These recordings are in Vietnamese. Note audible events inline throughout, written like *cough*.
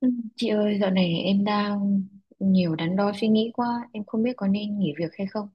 Ừ, chị ơi, dạo này em đang nhiều đắn đo suy nghĩ quá, em không biết có nên nghỉ việc hay không.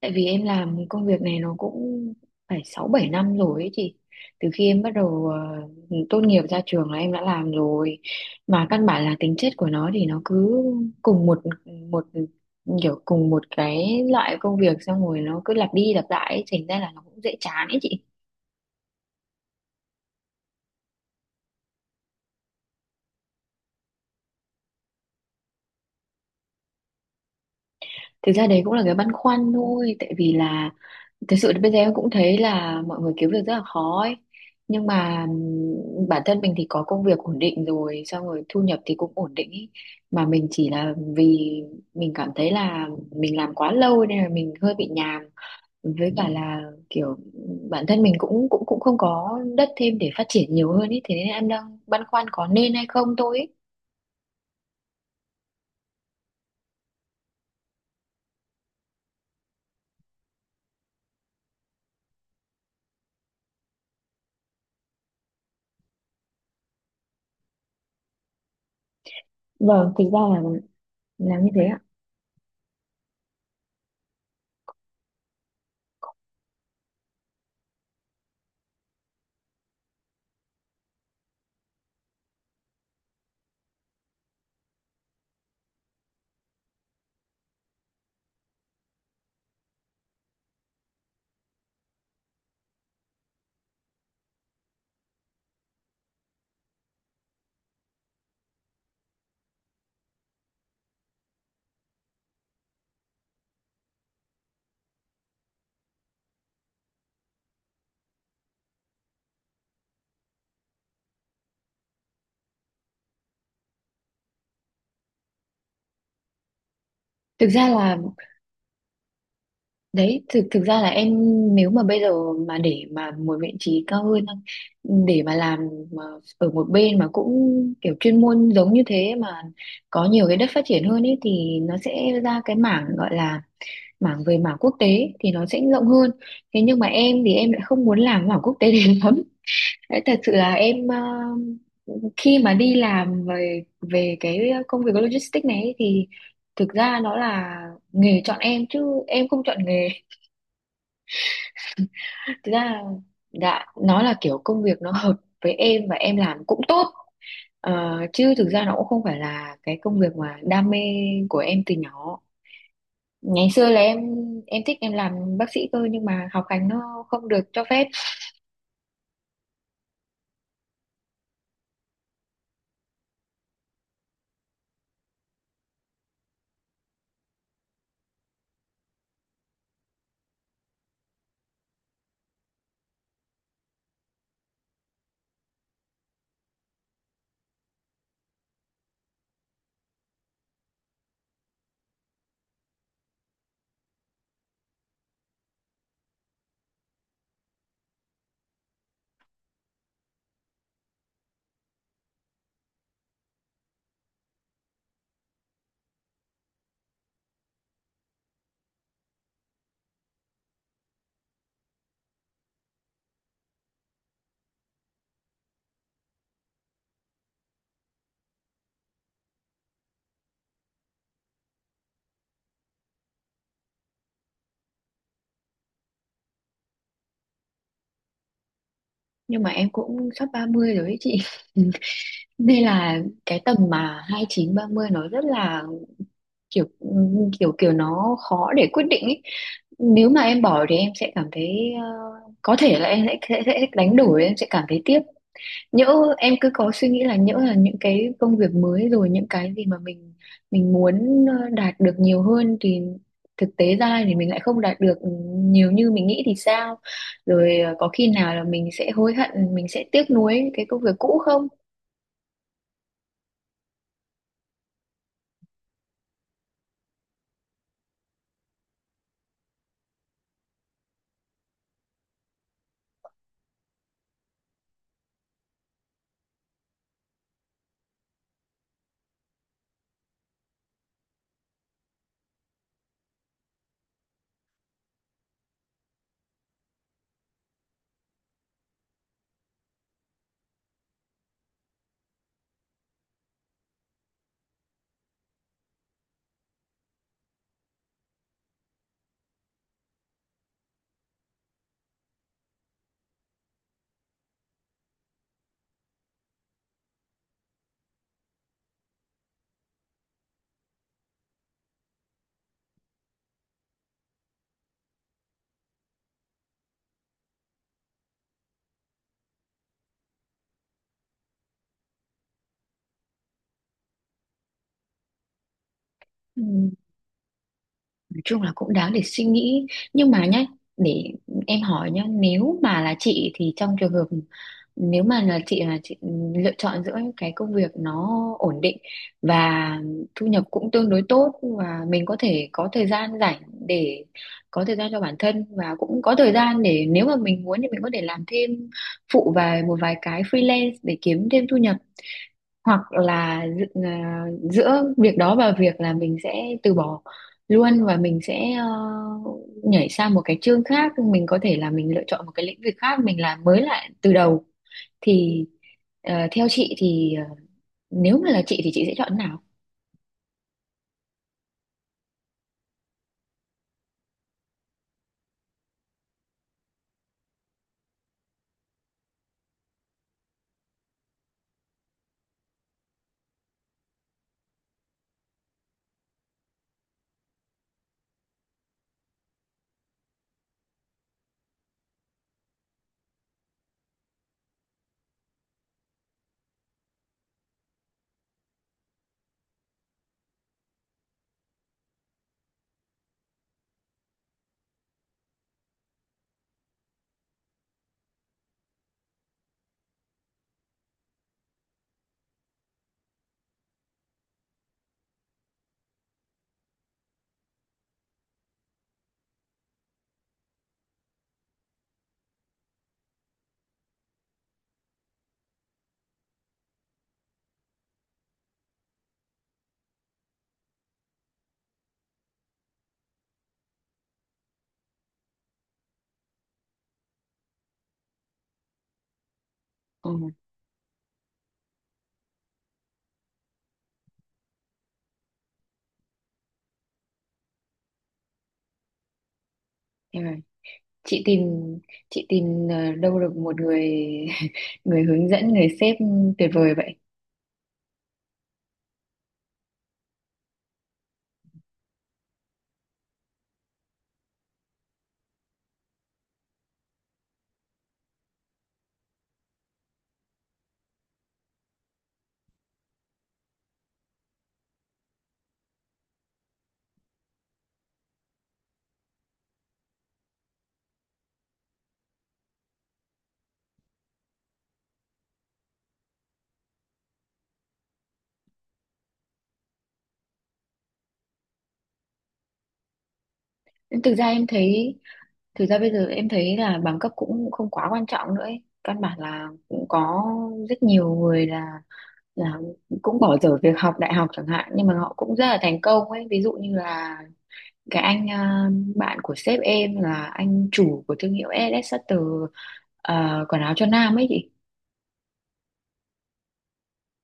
Tại vì em làm công việc này nó cũng phải sáu bảy năm rồi ấy chị. Từ khi em bắt đầu tốt nghiệp ra trường là em đã làm rồi. Mà căn bản là tính chất của nó thì nó cứ cùng một một cùng một cái loại công việc xong rồi nó cứ lặp đi lặp lại ấy, thành ra là nó cũng dễ chán ấy chị. Thực ra đấy cũng là cái băn khoăn thôi, tại vì là thực sự thì bây giờ em cũng thấy là mọi người kiếm việc rất là khó ấy. Nhưng mà bản thân mình thì có công việc ổn định rồi, xong rồi thu nhập thì cũng ổn định ý. Mà mình chỉ là vì mình cảm thấy là mình làm quá lâu nên là mình hơi bị nhàm. Với cả là kiểu bản thân mình cũng cũng cũng không có đất thêm để phát triển nhiều hơn ý. Thế nên em đang băn khoăn có nên hay không thôi ý. Vâng, thực ra là như thế ạ. Thực ra là Đấy, thực thực ra là em, nếu mà bây giờ mà để mà một vị trí cao hơn để mà làm mà ở một bên mà cũng kiểu chuyên môn giống như thế mà có nhiều cái đất phát triển hơn ấy thì nó sẽ ra cái mảng gọi là mảng mảng quốc tế thì nó sẽ rộng hơn. Thế nhưng mà em thì em lại không muốn làm mảng quốc tế *laughs* đến lắm. Đấy, thật sự là em, khi mà đi làm về về cái công việc logistics này ấy thì thực ra nó là nghề chọn em chứ em không chọn nghề. Thực ra dạ nó là kiểu công việc nó hợp với em và em làm cũng tốt. Ờ, chứ thực ra nó cũng không phải là cái công việc mà đam mê của em từ nhỏ. Ngày xưa là em thích em làm bác sĩ cơ nhưng mà học hành nó không được cho phép. Nhưng mà em cũng sắp 30 rồi ấy chị. *laughs* Nên là cái tầm mà hai mươi chín ba mươi nó rất là kiểu kiểu kiểu nó khó để quyết định ấy. Nếu mà em bỏ thì em sẽ cảm thấy có thể là em sẽ đánh đổi, em sẽ cảm thấy tiếc. Nhỡ em cứ có suy nghĩ là nhỡ là những cái công việc mới rồi những cái gì mà mình muốn đạt được nhiều hơn thì thực tế ra thì mình lại không đạt được, ừ, nhiều như mình nghĩ thì sao, rồi có khi nào là mình sẽ hối hận, mình sẽ tiếc nuối cái công việc cũ không. Ừ. Nói chung là cũng đáng để suy nghĩ nhưng mà nhá, để em hỏi nhá, nếu mà là chị thì trong trường hợp nếu mà là chị lựa chọn giữa những cái công việc nó ổn định và thu nhập cũng tương đối tốt và mình có thể có thời gian rảnh để có thời gian cho bản thân và cũng có thời gian để nếu mà mình muốn thì mình có thể làm thêm phụ một vài cái freelance để kiếm thêm thu nhập, hoặc là giữa việc đó và việc là mình sẽ từ bỏ luôn và mình sẽ nhảy sang một cái chương khác, mình có thể là mình lựa chọn một cái lĩnh vực khác, mình làm mới lại từ đầu thì theo chị thì nếu mà là chị thì chị sẽ chọn nào. Ừ. Thế này. chị tìm chị tìm đâu được một người *laughs* người hướng dẫn, người sếp tuyệt vời vậy. thực ra em thấy Thực ra bây giờ em thấy là bằng cấp cũng không quá quan trọng nữa ấy. Căn bản là cũng có rất nhiều người là cũng bỏ dở việc học đại học chẳng hạn nhưng mà họ cũng rất là thành công ấy. Ví dụ như là cái bạn của sếp em là anh chủ của thương hiệu LS Sutter, quần áo cho nam ấy chị.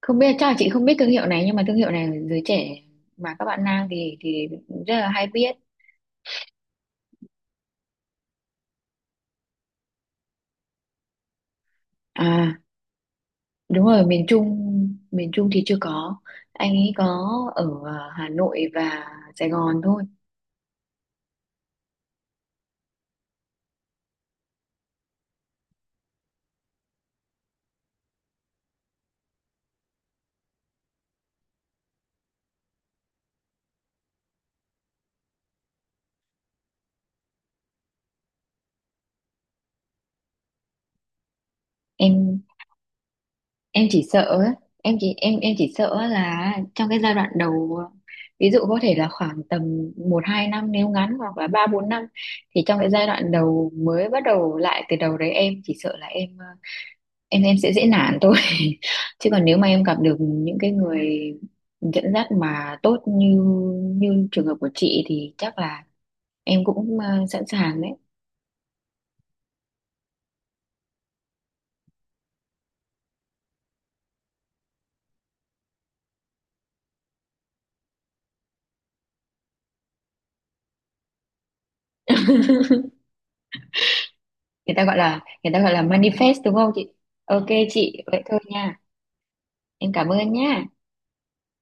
Không biết chắc là chị không biết thương hiệu này, nhưng mà thương hiệu này giới trẻ mà các bạn nam thì rất là hay biết. À, đúng rồi, miền Trung, thì chưa có. Anh ấy có ở Hà Nội và Sài Gòn thôi. Em em chỉ sợ ấy, em chỉ sợ là trong cái giai đoạn đầu, ví dụ có thể là khoảng tầm một 2 năm nếu ngắn hoặc là 3 4 năm, thì trong cái giai đoạn đầu mới bắt đầu lại từ đầu đấy, em chỉ sợ là em sẽ dễ nản thôi, *laughs* chứ còn nếu mà em gặp được những cái người dẫn dắt mà tốt như như trường hợp của chị thì chắc là em cũng sẵn sàng đấy. Người ta gọi là manifest đúng không chị. Ok chị, vậy thôi nha, em cảm ơn nhá.